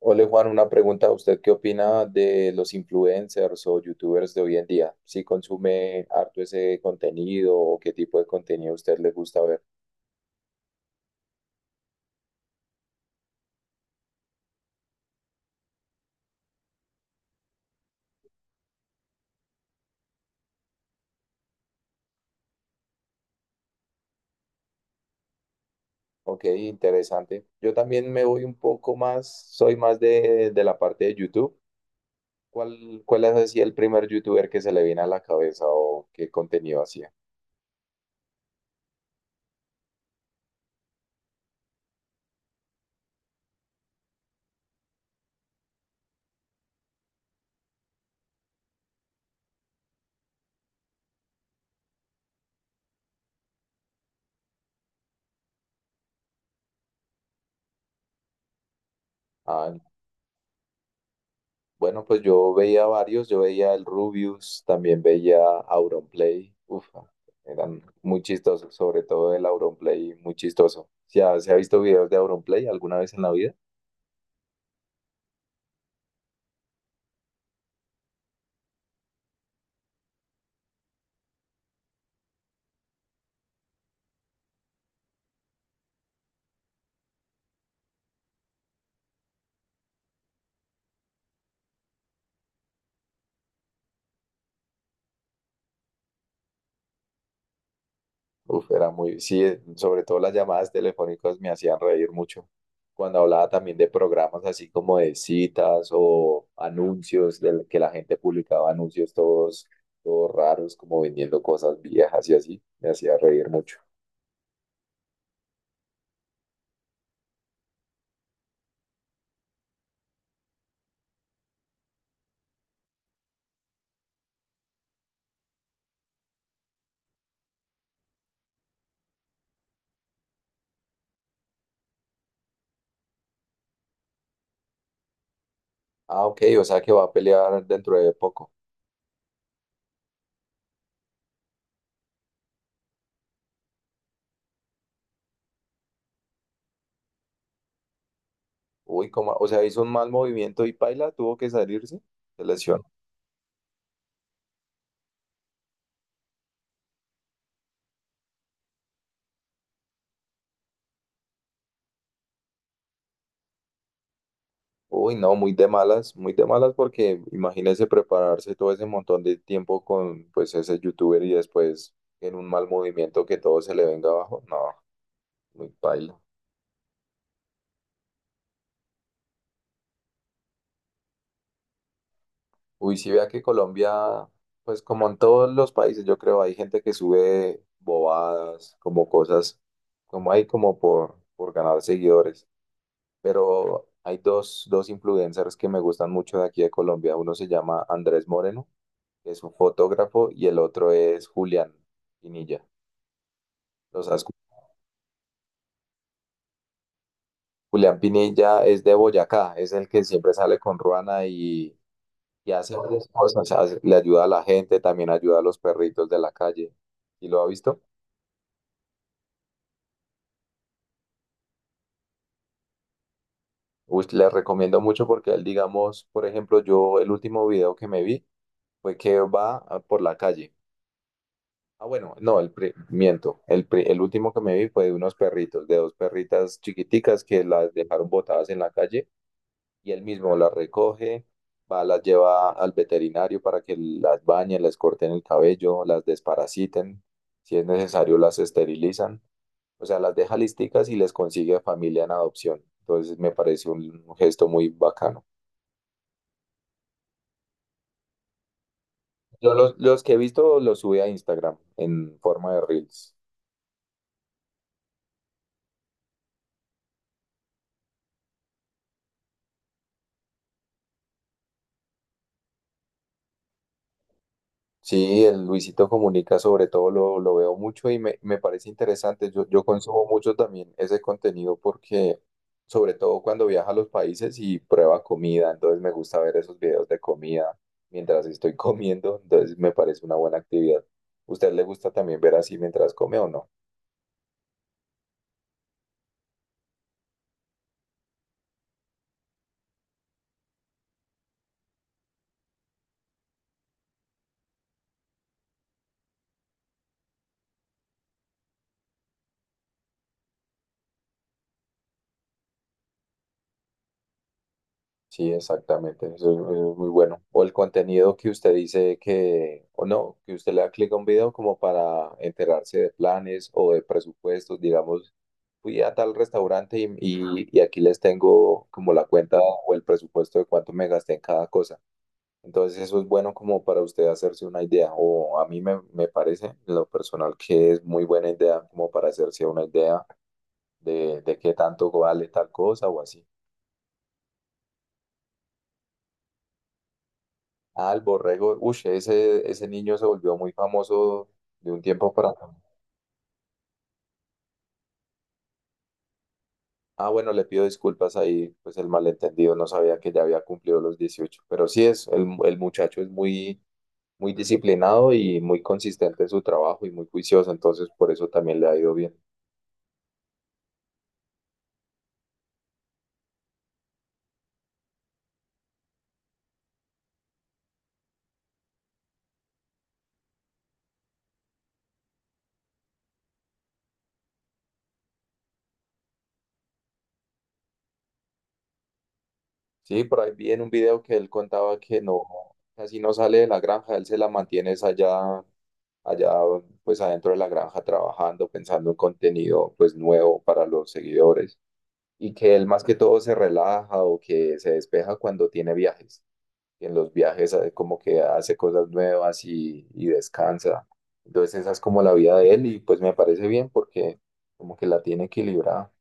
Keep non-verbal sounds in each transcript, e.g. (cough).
Hola Juan, una pregunta. ¿Usted qué opina de los influencers o youtubers de hoy en día? ¿Si ¿consume harto ese contenido o qué tipo de contenido a usted le gusta ver? Ok, interesante. Yo también me voy un poco más, soy más de la parte de YouTube. ¿Cuál es así el primer youtuber que se le viene a la cabeza o qué contenido hacía? Ah, bueno, pues yo veía varios, yo veía el Rubius, también veía Auronplay, uf, eran muy chistosos, sobre todo el Auronplay, muy chistoso. ¿Se ha, si ha visto videos de Auronplay alguna vez en la vida? Uf, era muy, sí, sobre todo las llamadas telefónicas me hacían reír mucho. Cuando hablaba también de programas así como de citas o anuncios, del que la gente publicaba anuncios todos, todos raros, como vendiendo cosas viejas y así, me hacía reír mucho. Ah, ok, o sea que va a pelear dentro de poco. Uy, como, o sea, hizo un mal movimiento y Paila tuvo que salirse, se lesionó. Uy, no, muy de malas, muy de malas, porque imagínese prepararse todo ese montón de tiempo con pues ese youtuber y después en un mal movimiento que todo se le venga abajo. No, muy Paila. Uy, sí, vea que Colombia, pues como en todos los países, yo creo hay gente que sube bobadas, como cosas, como hay como por ganar seguidores. Pero hay dos influencers que me gustan mucho de aquí de Colombia. Uno se llama Andrés Moreno, que es un fotógrafo, y el otro es Julián Pinilla. Los has- Julián Pinilla es de Boyacá, es el que siempre sale con Ruana y hace varias cosas, hace- le ayuda a la gente, también ayuda a los perritos de la calle. ¿Y lo ha visto? Uy, le recomiendo mucho porque él, digamos, por ejemplo, yo el último video que me vi fue que va ah, por la calle. Ah, bueno, no, el pri- miento. El, pri- el último que me vi fue de unos perritos, de dos perritas chiquiticas que las dejaron botadas en la calle, y él mismo las recoge, va, las lleva al veterinario para que las bañen, les corten el cabello, las desparasiten, si es necesario las esterilizan, o sea, las deja listicas y les consigue familia en adopción. Entonces me parece un gesto muy bacano. Yo los que he visto los subí a Instagram en forma de reels. Sí, el Luisito Comunica sobre todo lo veo mucho y me parece interesante. Yo consumo mucho también ese contenido porque sobre todo cuando viaja a los países y prueba comida, entonces me gusta ver esos videos de comida mientras estoy (laughs) comiendo, entonces me parece una buena actividad. ¿Usted le gusta también ver así mientras come o no? Sí, exactamente, eso es muy bueno. O el contenido que usted dice que, o no, que usted le da clic a un video como para enterarse de planes o de presupuestos, digamos, fui a tal restaurante y aquí les tengo como la cuenta o el presupuesto de cuánto me gasté en cada cosa. Entonces eso es bueno como para usted hacerse una idea, o a mí me parece en lo personal que es muy buena idea como para hacerse una idea de qué tanto vale tal cosa o así. Ah, el borrego, uy, ese niño se volvió muy famoso de un tiempo para acá. Ah, bueno, le pido disculpas ahí, pues el malentendido, no sabía que ya había cumplido los 18, pero sí es, el muchacho es muy muy disciplinado y muy consistente en su trabajo y muy juicioso, entonces por eso también le ha ido bien. Sí, por ahí vi en un video que él contaba que no, casi no sale de la granja, él se la mantiene es allá, allá pues adentro de la granja trabajando, pensando en contenido pues nuevo para los seguidores, y que él más que todo se relaja o que se despeja cuando tiene viajes. Y en los viajes como que hace cosas nuevas y descansa. Entonces esa es como la vida de él y pues me parece bien porque como que la tiene equilibrada.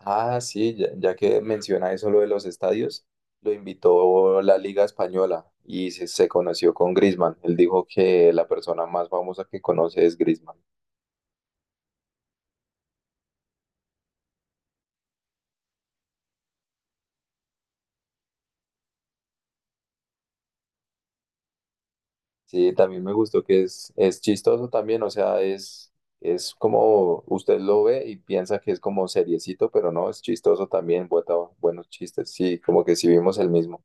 Ah, sí, ya que menciona eso lo de los estadios, lo invitó la Liga Española y se conoció con Griezmann. Él dijo que la persona más famosa que conoce es Griezmann. Sí, también me gustó que es chistoso también, o sea, es como usted lo ve y piensa que es como seriecito, pero no, es chistoso también, bota buenos chistes, sí, como que sí vimos el mismo.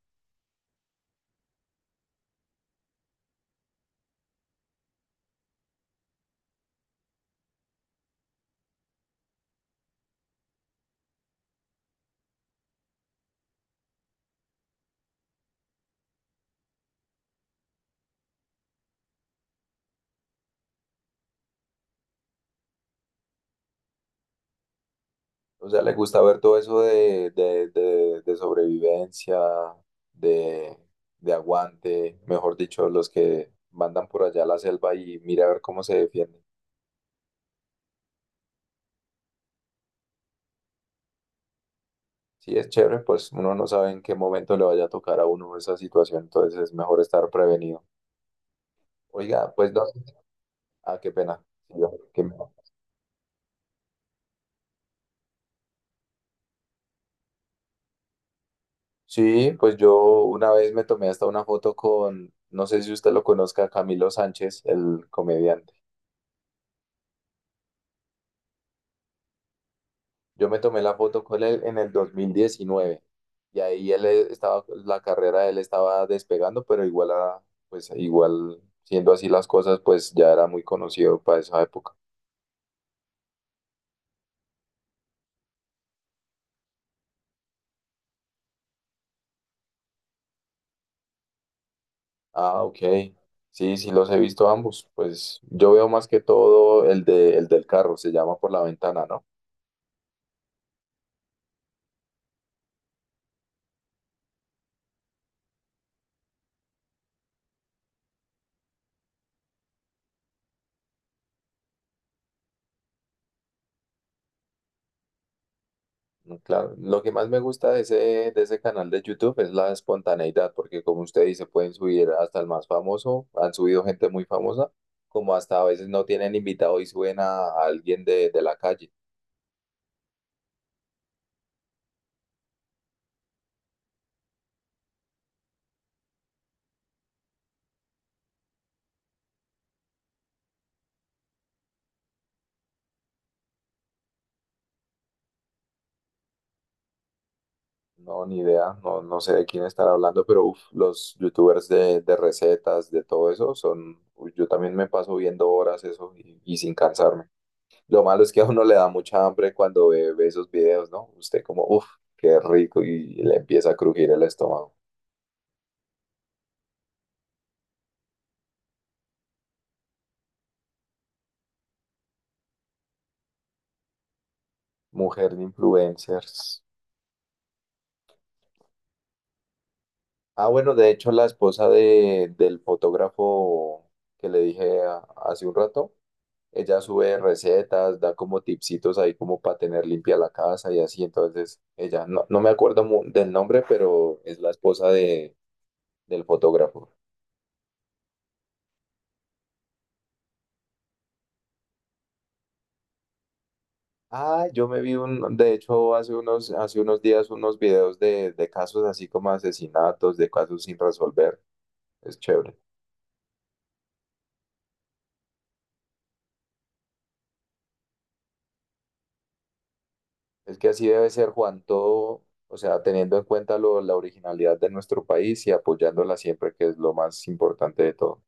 O sea, le gusta ver todo eso de sobrevivencia, de, de aguante, mejor dicho, los que mandan por allá a la selva y mira a ver cómo se defienden. Sí, es chévere, pues uno no sabe en qué momento le vaya a tocar a uno esa situación, entonces es mejor estar prevenido. Oiga, pues no. Ah, qué pena. Sí, yo- qué pena. Sí, pues yo una vez me tomé hasta una foto con, no sé si usted lo conozca, Camilo Sánchez, el comediante. Yo me tomé la foto con él en el 2019, y ahí él e, estaba, la carrera de él estaba despegando, pero igual a, pues igual siendo así las cosas, pues ya era muy conocido para esa época. Ah, ok. Sí, sí los he visto ambos. Pues yo veo más que todo el de, el del carro, se llama Por la Ventana, ¿no? No, claro, lo que más me gusta de ese canal de YouTube es la espontaneidad, porque como usted dice, pueden subir hasta el más famoso, han subido gente muy famosa, como hasta a veces no tienen invitado y suben a alguien de la calle. No, ni idea, no, no sé de quién estar hablando, pero uf, los YouTubers de recetas, de todo eso, son, uy, yo también me paso viendo horas eso y sin cansarme. Lo malo es que a uno le da mucha hambre cuando ve, ve esos videos, ¿no? Usted como, uff, qué rico y le empieza a crujir el estómago. Mujer de influencers. Ah, bueno, de hecho la esposa de, del fotógrafo que le dije a- hace un rato, ella sube recetas, da como tipsitos ahí como para tener limpia la casa y así, entonces ella, no, no me acuerdo mu- del nombre, pero es la esposa de, del fotógrafo. Ah, yo me vi un, de hecho hace unos días unos videos de casos así como asesinatos, de casos sin resolver, es chévere. Es que así debe ser, Juan, todo, o sea, teniendo en cuenta lo- la originalidad de nuestro país y apoyándola siempre, que es lo más importante de todo.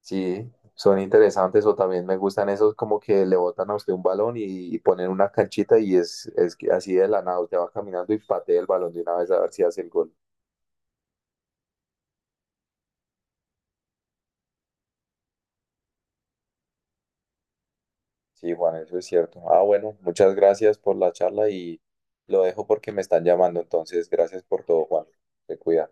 Sí, son interesantes o también me gustan esos como que le botan a usted un balón y ponen una canchita y es que así de la nada, usted va caminando y patea el balón de una vez a ver si hace el gol. Sí, Juan, eso es cierto. Ah, bueno, muchas gracias por la charla, y lo dejo porque me están llamando, entonces gracias por todo, Juan. Te cuida.